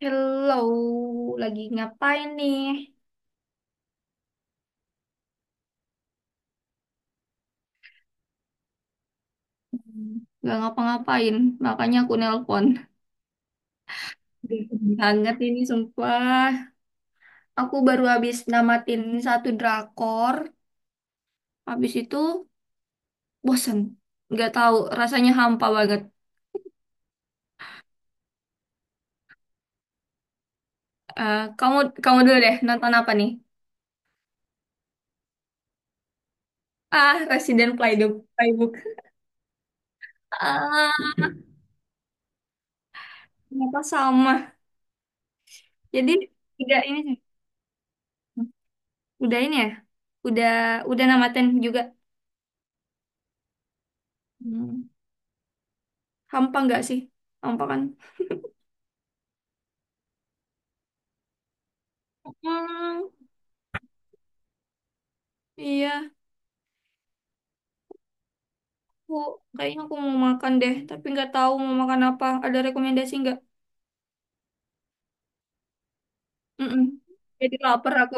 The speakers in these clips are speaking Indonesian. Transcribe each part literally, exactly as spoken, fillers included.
Hello, lagi ngapain nih? Hmm, Gak ngapa-ngapain, makanya aku nelpon. Dingin banget ini sumpah. Aku baru habis namatin satu drakor, habis itu bosen. Gak tahu, rasanya hampa banget. Eh, kamu kamu dulu deh, nonton apa nih? Ah, Resident Playbook. Playbook. Ah, ternyata sama. Jadi udah ini, sih, udah ini ya, udah udah namatin juga. Hmm. Hampa nggak sih? Hampa kan? Hmm, iya, aku kayaknya aku mau makan deh, tapi nggak tahu mau makan apa. Ada rekomendasi nggak? Mm-mm. Jadi lapar aku.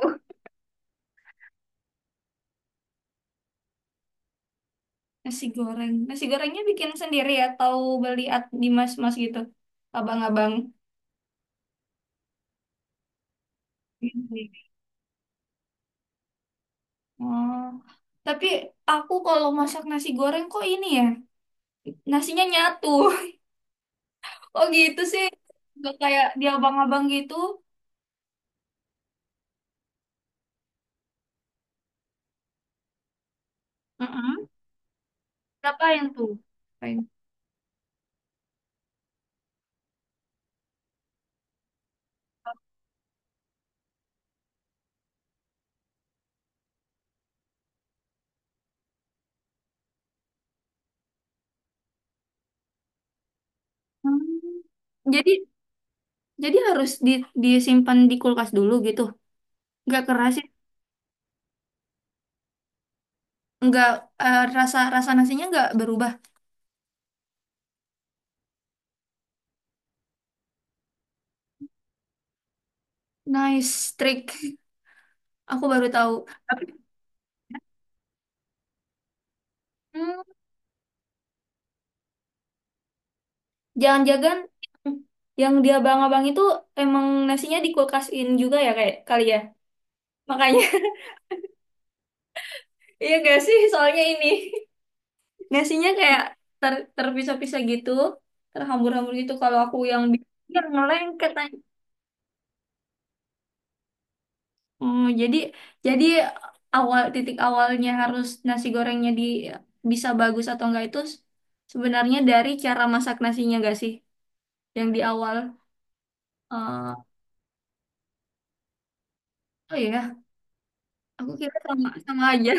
Nasi goreng. Nasi gorengnya bikin sendiri atau beli at- di mas-mas gitu? Abang-abang. Sendiri. Oh, tapi aku kalau masak nasi goreng kok ini ya, nasinya nyatu. Oh gitu sih. Nggak kayak di abang-abang gitu. Mm-mm. Ngapain tuh? Ngapain? Hmm. Jadi Jadi harus di, disimpan di kulkas dulu gitu. Nggak keras, sih. Nggak eh, rasa rasa nasinya nggak berubah. Nice trick. Aku baru tahu. Tapi Hmm, jangan-jangan yang dia abang-abang itu emang nasinya di kulkasin juga ya kayak kali ya. Makanya iya gak sih soalnya ini nasinya kayak ter terpisah-pisah gitu, terhambur-hambur gitu kalau aku yang bikin dia ngelengket. Oh, jadi jadi awal titik awalnya harus nasi gorengnya di bisa bagus atau enggak itu s- sebenarnya dari cara masak nasinya enggak sih? Yang di awal. Eh, oh iya, aku kira sama sama aja.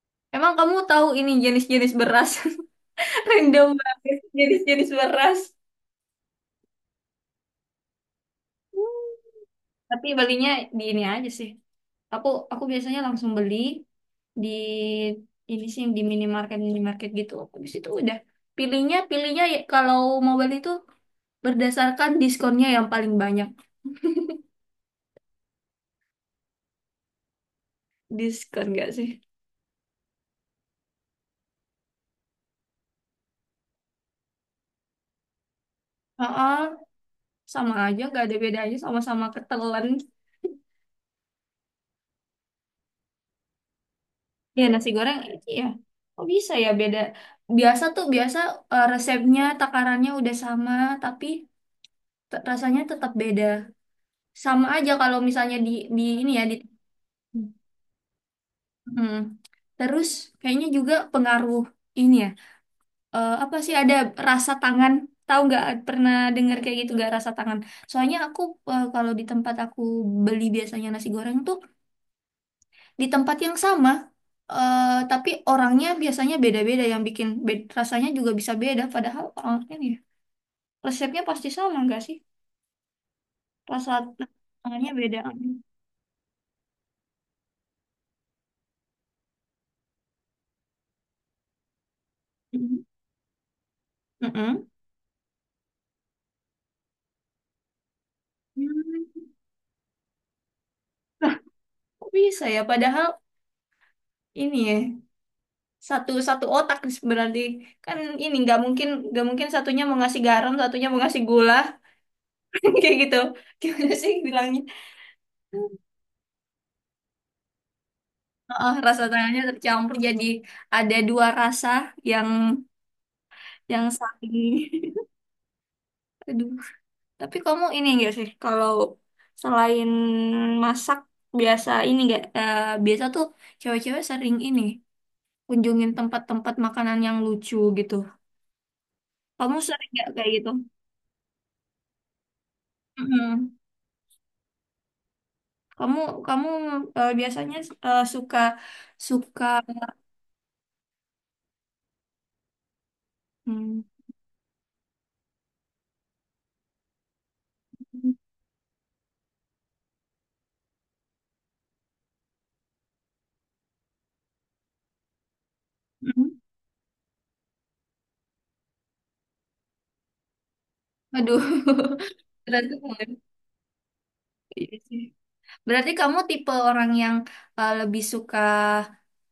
Emang kamu tahu ini jenis-jenis beras? Random banget jenis-jenis beras. Tapi belinya di ini aja sih. Aku aku biasanya langsung beli di ini sih yang di minimarket minimarket gitu. Habis itu udah pilihnya pilihnya ya kalau mau beli itu berdasarkan diskonnya yang paling banyak. Diskon gak sih? Heeh, sama aja, gak ada bedanya sama-sama ketelan. Ya nasi goreng, iya. Kok bisa ya beda? Biasa tuh, biasa eh, resepnya, takarannya udah sama, tapi te- rasanya tetap beda. Sama aja kalau misalnya di, di ini ya, di... Hmm. Terus kayaknya juga pengaruh ini ya, eh, apa sih, ada rasa tangan, tahu nggak pernah dengar kayak gitu nggak, rasa tangan. Soalnya aku, eh, kalau di tempat aku beli biasanya nasi goreng tuh di tempat yang sama, eh, tapi orangnya biasanya beda-beda yang bikin be- rasanya juga bisa beda, padahal orangnya nih resepnya pasti sama nggak sih, rasa tangannya beda. Mm-mm. Mm-mm. Hmm. Nah, kok bisa ya padahal ini ya satu satu otak, berarti kan ini nggak mungkin nggak mungkin satunya mau ngasih garam satunya mau ngasih gula, kayak gitu gimana sih bilangnya. Heeh, rasa tangannya tercampur jadi ada dua rasa yang yang saling. Aduh, tapi kamu ini enggak sih kalau selain masak biasa ini enggak, eh, biasa tuh cewek-cewek sering ini kunjungin tempat-tempat makanan yang lucu gitu, kamu sering nggak kayak gitu? Mm-mm. Kamu kamu eh, biasanya eh, suka suka, hmm, hmm, aduh. Berarti, iya sih. Berarti kamu tipe orang yang eh, lebih suka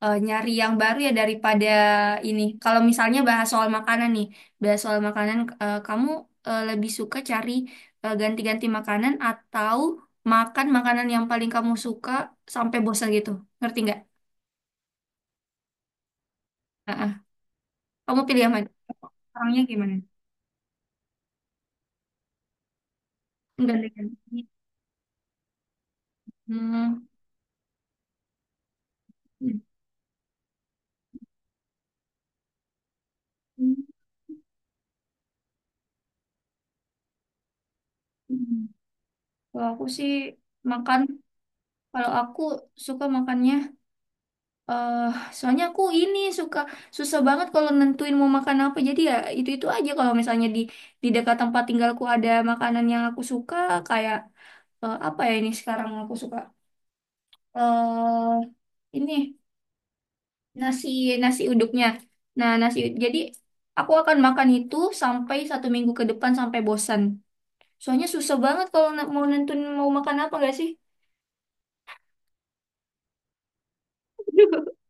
eh, nyari yang baru ya daripada ini. Kalau misalnya bahas soal makanan nih, bahas soal makanan, eh, kamu eh, lebih suka cari eh, ganti-ganti makanan atau makan makanan yang paling kamu suka sampai bosan gitu. Ngerti nggak? Heeh. Kamu pilih yang mana? Orangnya gimana? Ganti-ganti. Hmm. Hmm. Kalau aku sih makan, kalau aku suka makannya, eh soalnya aku ini suka susah banget kalau nentuin mau makan apa. Jadi ya itu-itu aja kalau misalnya di di dekat tempat tinggalku ada makanan yang aku suka kayak, eh, apa ya, ini sekarang aku suka, eh ini nasi nasi uduknya. Nah, nasi ud- jadi aku akan makan itu sampai satu minggu ke depan sampai bosan. Soalnya susah banget kalau na- mau nentuin mau makan apa nggak sih?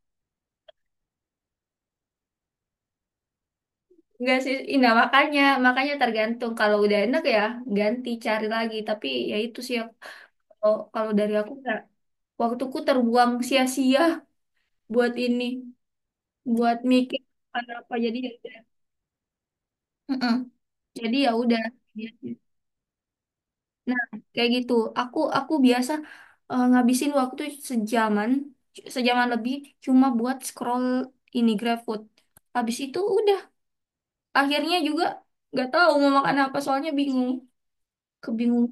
Nggak sih, ih, nah makanya, makanya tergantung. Kalau udah enak ya ganti cari lagi. Tapi ya itu sih yang- kalau kalau dari aku nggak. Waktuku terbuang sia-sia buat ini, buat mikir apa apa, jadi ya udah. Mm-mm. Jadi ya udah. Nah kayak gitu. Aku aku biasa, eh, ngabisin waktu sejaman, sejaman lebih cuma buat scroll ini GrabFood. Habis itu udah. Akhirnya juga nggak tahu mau makan apa, soalnya bingung, kebingung.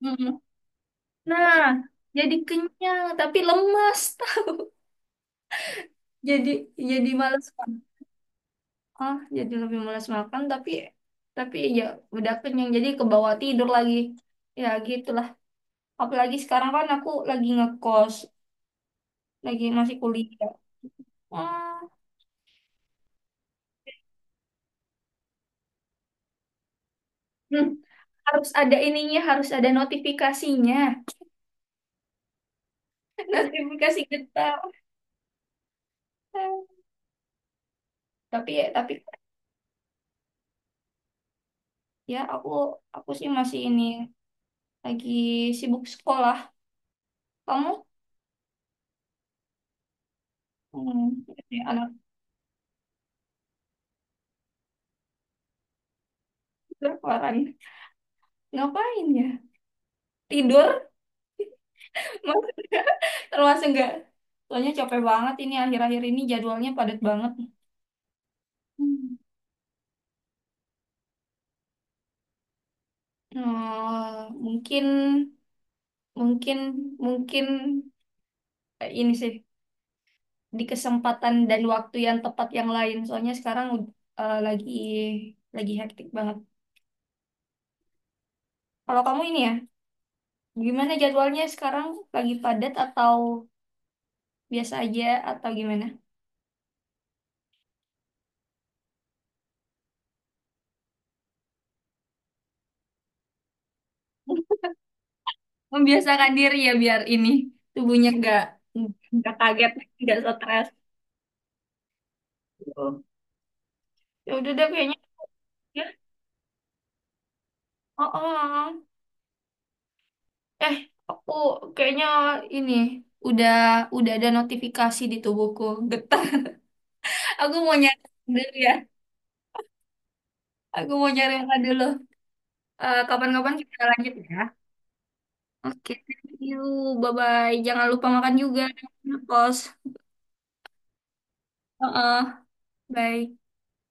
Mm. Nah, jadi kenyang tapi lemas. jadi jadi malas makan. Ah, jadi lebih malas makan, tapi tapi ya udah kenyang jadi kebawa tidur lagi, ya gitulah. Apalagi sekarang kan aku lagi ngekos, lagi masih kuliah. Ah, hmm, harus ada ininya, harus ada notifikasinya. Notifikasi getah. Tapi tapi ya aku aku sih masih ini lagi sibuk sekolah. Kamu, hmm, ini anak berkeluaran. Ngapain ya? Tidur? Maksudnya termasuk enggak? Soalnya capek banget ini akhir-akhir ini jadwalnya padat banget. Hmm. Hmm, mungkin mungkin mungkin eh, ini sih di kesempatan dan waktu yang tepat yang lain. Soalnya sekarang ud- eh, lagi lagi hektik banget. Kalau kamu ini ya, gimana jadwalnya sekarang? Lagi padat atau biasa aja atau gimana? Membiasakan diri ya biar ini tubuhnya nggak nggak kaget, nggak stres. Gitu. Ya udah deh kayaknya. Ya. Oh, oh. Eh, aku kayaknya ini udah udah ada notifikasi di tubuhku. Getah. Aku mau nyari dulu ya. Aku mau nyari makan dulu. Eh, kapan-kapan kita lanjut ya. Oke, thank you. Bye-bye. Jangan lupa makan juga. Ya, kos. Oh, oh. Bye.